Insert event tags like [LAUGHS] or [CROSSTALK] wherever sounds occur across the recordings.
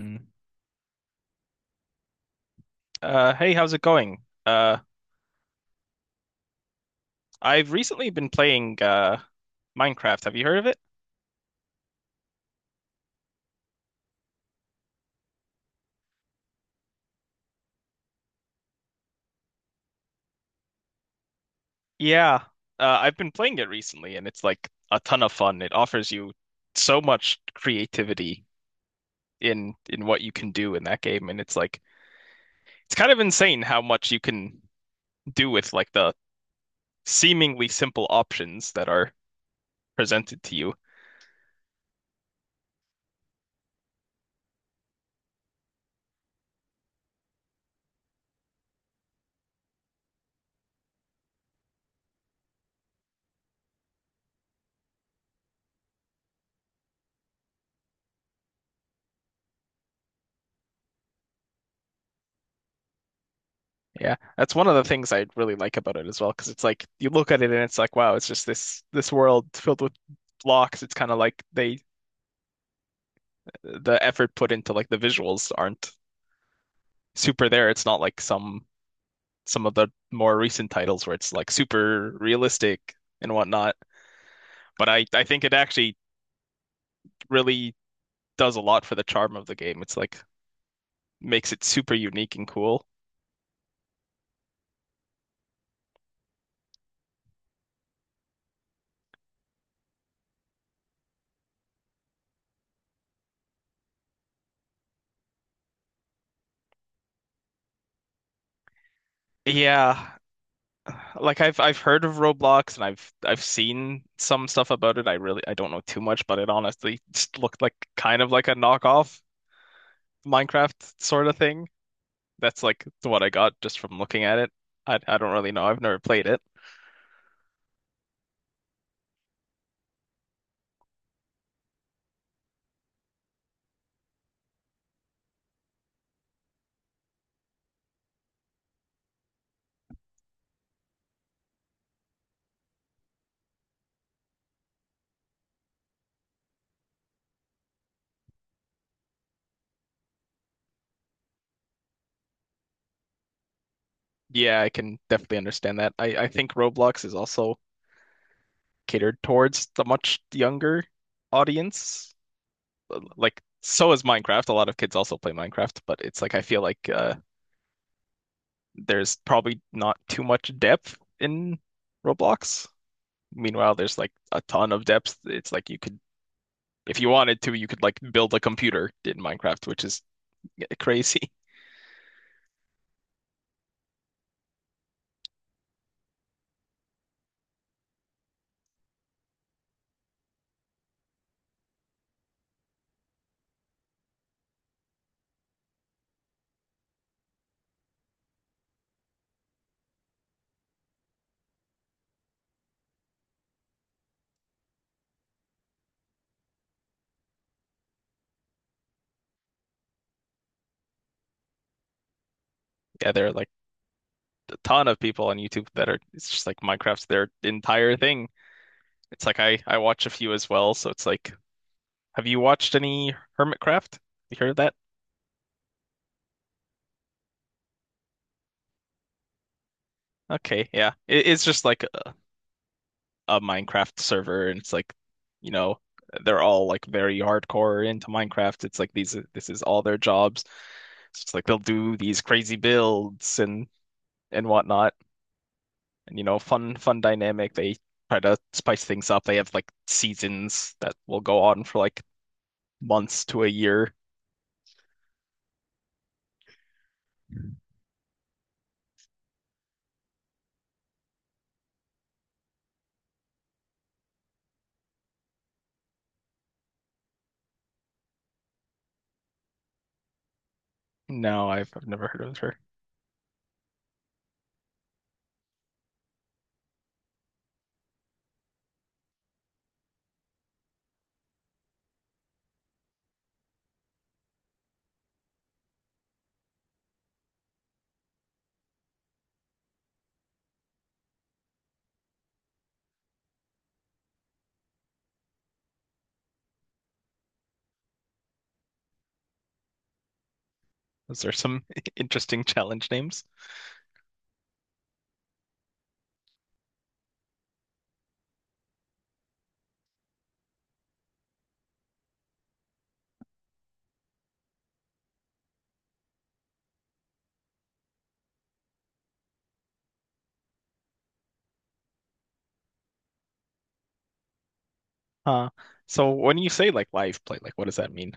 Mm. Hey, how's it going? I've recently been playing Minecraft. Have you heard of it? Yeah, I've been playing it recently, and it's like a ton of fun. It offers you so much creativity in what you can do in that game, and it's like it's kind of insane how much you can do with like the seemingly simple options that are presented to you. Yeah, that's one of the things I really like about it as well, because it's like you look at it and it's like, wow, it's just this world filled with blocks. It's kind of like they the effort put into like the visuals aren't super there. It's not like some of the more recent titles where it's like super realistic and whatnot. But I think it actually really does a lot for the charm of the game. It's like makes it super unique and cool. Yeah, like I've heard of Roblox and I've seen some stuff about it. I really I don't know too much, but it honestly just looked like kind of like a knockoff Minecraft sort of thing. That's like what I got just from looking at it. I don't really know. I've never played it. Yeah, I can definitely understand that. I think Roblox is also catered towards the much younger audience. Like so is Minecraft. A lot of kids also play Minecraft, but it's like I feel like there's probably not too much depth in Roblox. Meanwhile, there's like a ton of depth. It's like you could, if you wanted to, you could like build a computer in Minecraft, which is crazy. [LAUGHS] Yeah, there are like a ton of people on YouTube that are, it's just like Minecraft's their entire thing. It's like I watch a few as well, so it's like, have you watched any Hermitcraft? You heard of that? Okay, yeah. It's just like a Minecraft server, and it's like, you know, they're all like very hardcore into Minecraft. It's like these this is all their jobs. So it's like they'll do these crazy builds and whatnot, and you know, fun dynamic. They try to spice things up. They have like seasons that will go on for like months to a year. No, I've never heard of her. Those are some [LAUGHS] interesting challenge names. Uh, so when you say like live play, like what does that mean?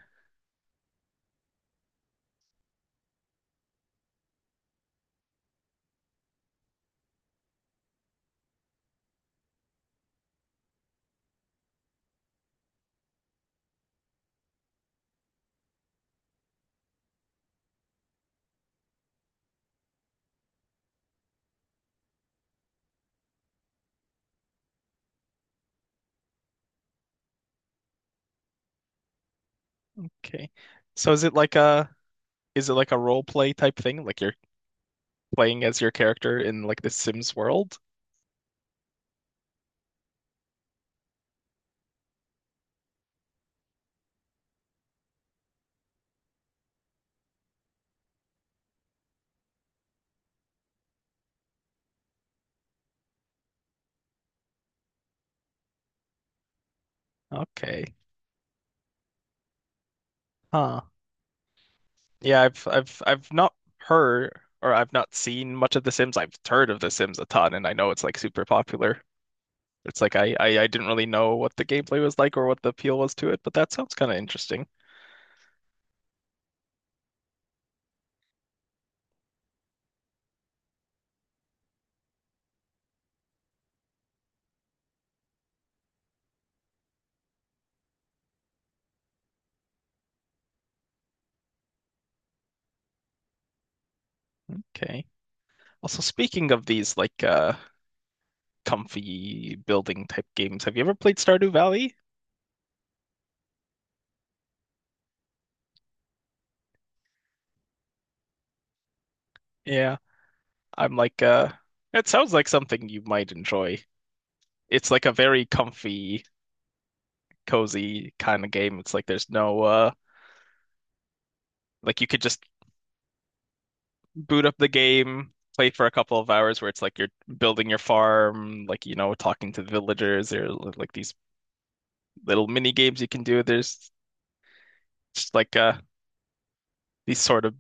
Okay. So is it like a Is it like a role play type thing? Like you're playing as your character in like the Sims world? Okay. Huh. Yeah, I've not heard or I've not seen much of The Sims. I've heard of The Sims a ton and I know it's like super popular. It's like I I didn't really know what the gameplay was like or what the appeal was to it, but that sounds kind of interesting. Okay. Also, speaking of these like comfy building type games, have you ever played Stardew Valley? Yeah. I'm like, it sounds like something you might enjoy. It's like a very comfy, cozy kind of game. It's like there's no, like you could just boot up the game, play for a couple of hours where it's like you're building your farm, like, you know, talking to the villagers or like these little mini games you can do. There's just like, these sort of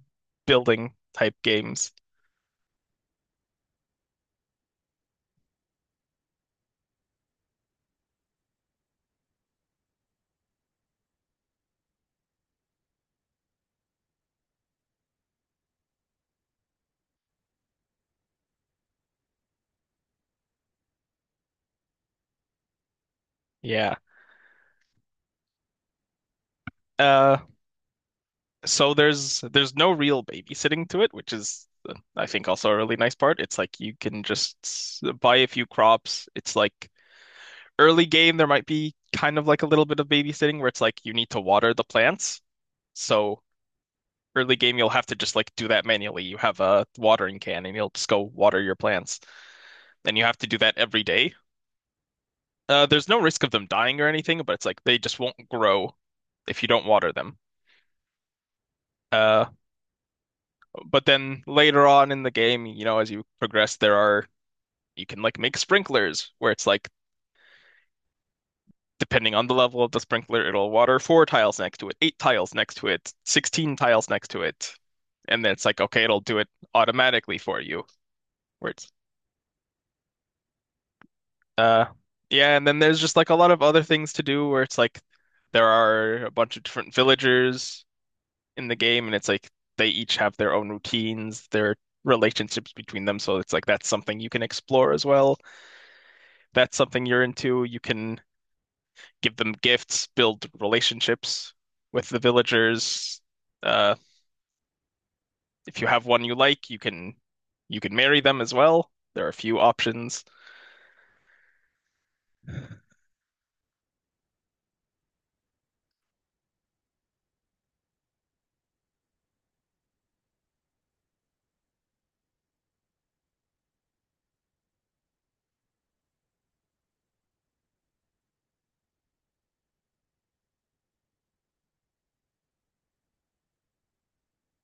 building type games. Yeah. Uh, so there's no real babysitting to it, which is I think also a really nice part. It's like you can just buy a few crops. It's like early game, there might be kind of like a little bit of babysitting where it's like you need to water the plants. So early game, you'll have to just like do that manually. You have a watering can and you'll just go water your plants, and you have to do that every day. There's no risk of them dying or anything, but it's like they just won't grow if you don't water them. Uh, but then later on in the game, you know, as you progress, there are you can like make sprinklers where it's like depending on the level of the sprinkler, it'll water four tiles next to it, eight tiles next to it, 16 tiles next to it. And then it's like, okay, it'll do it automatically for you. Where it's uh yeah, and then there's just like a lot of other things to do where it's like there are a bunch of different villagers in the game and it's like they each have their own routines, their relationships between them. So it's like that's something you can explore as well. That's something you're into. You can give them gifts, build relationships with the villagers. Uh, if you have one you like, you can marry them as well. There are a few options.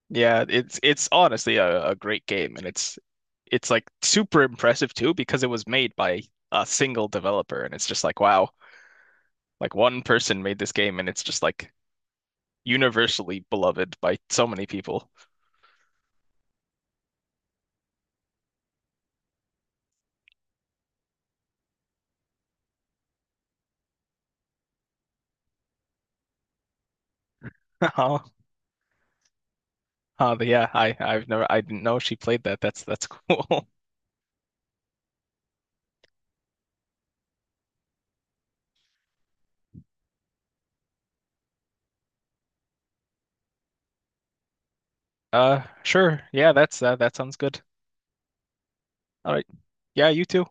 Yeah, it's honestly a great game, and it's like super impressive too because it was made by a single developer, and it's just like wow, like one person made this game, and it's just like universally beloved by so many people. [LAUGHS] Oh, yeah, I I didn't know she played that. That's cool. [LAUGHS] Sure. Yeah, that's that sounds good. All right. Yeah, you too.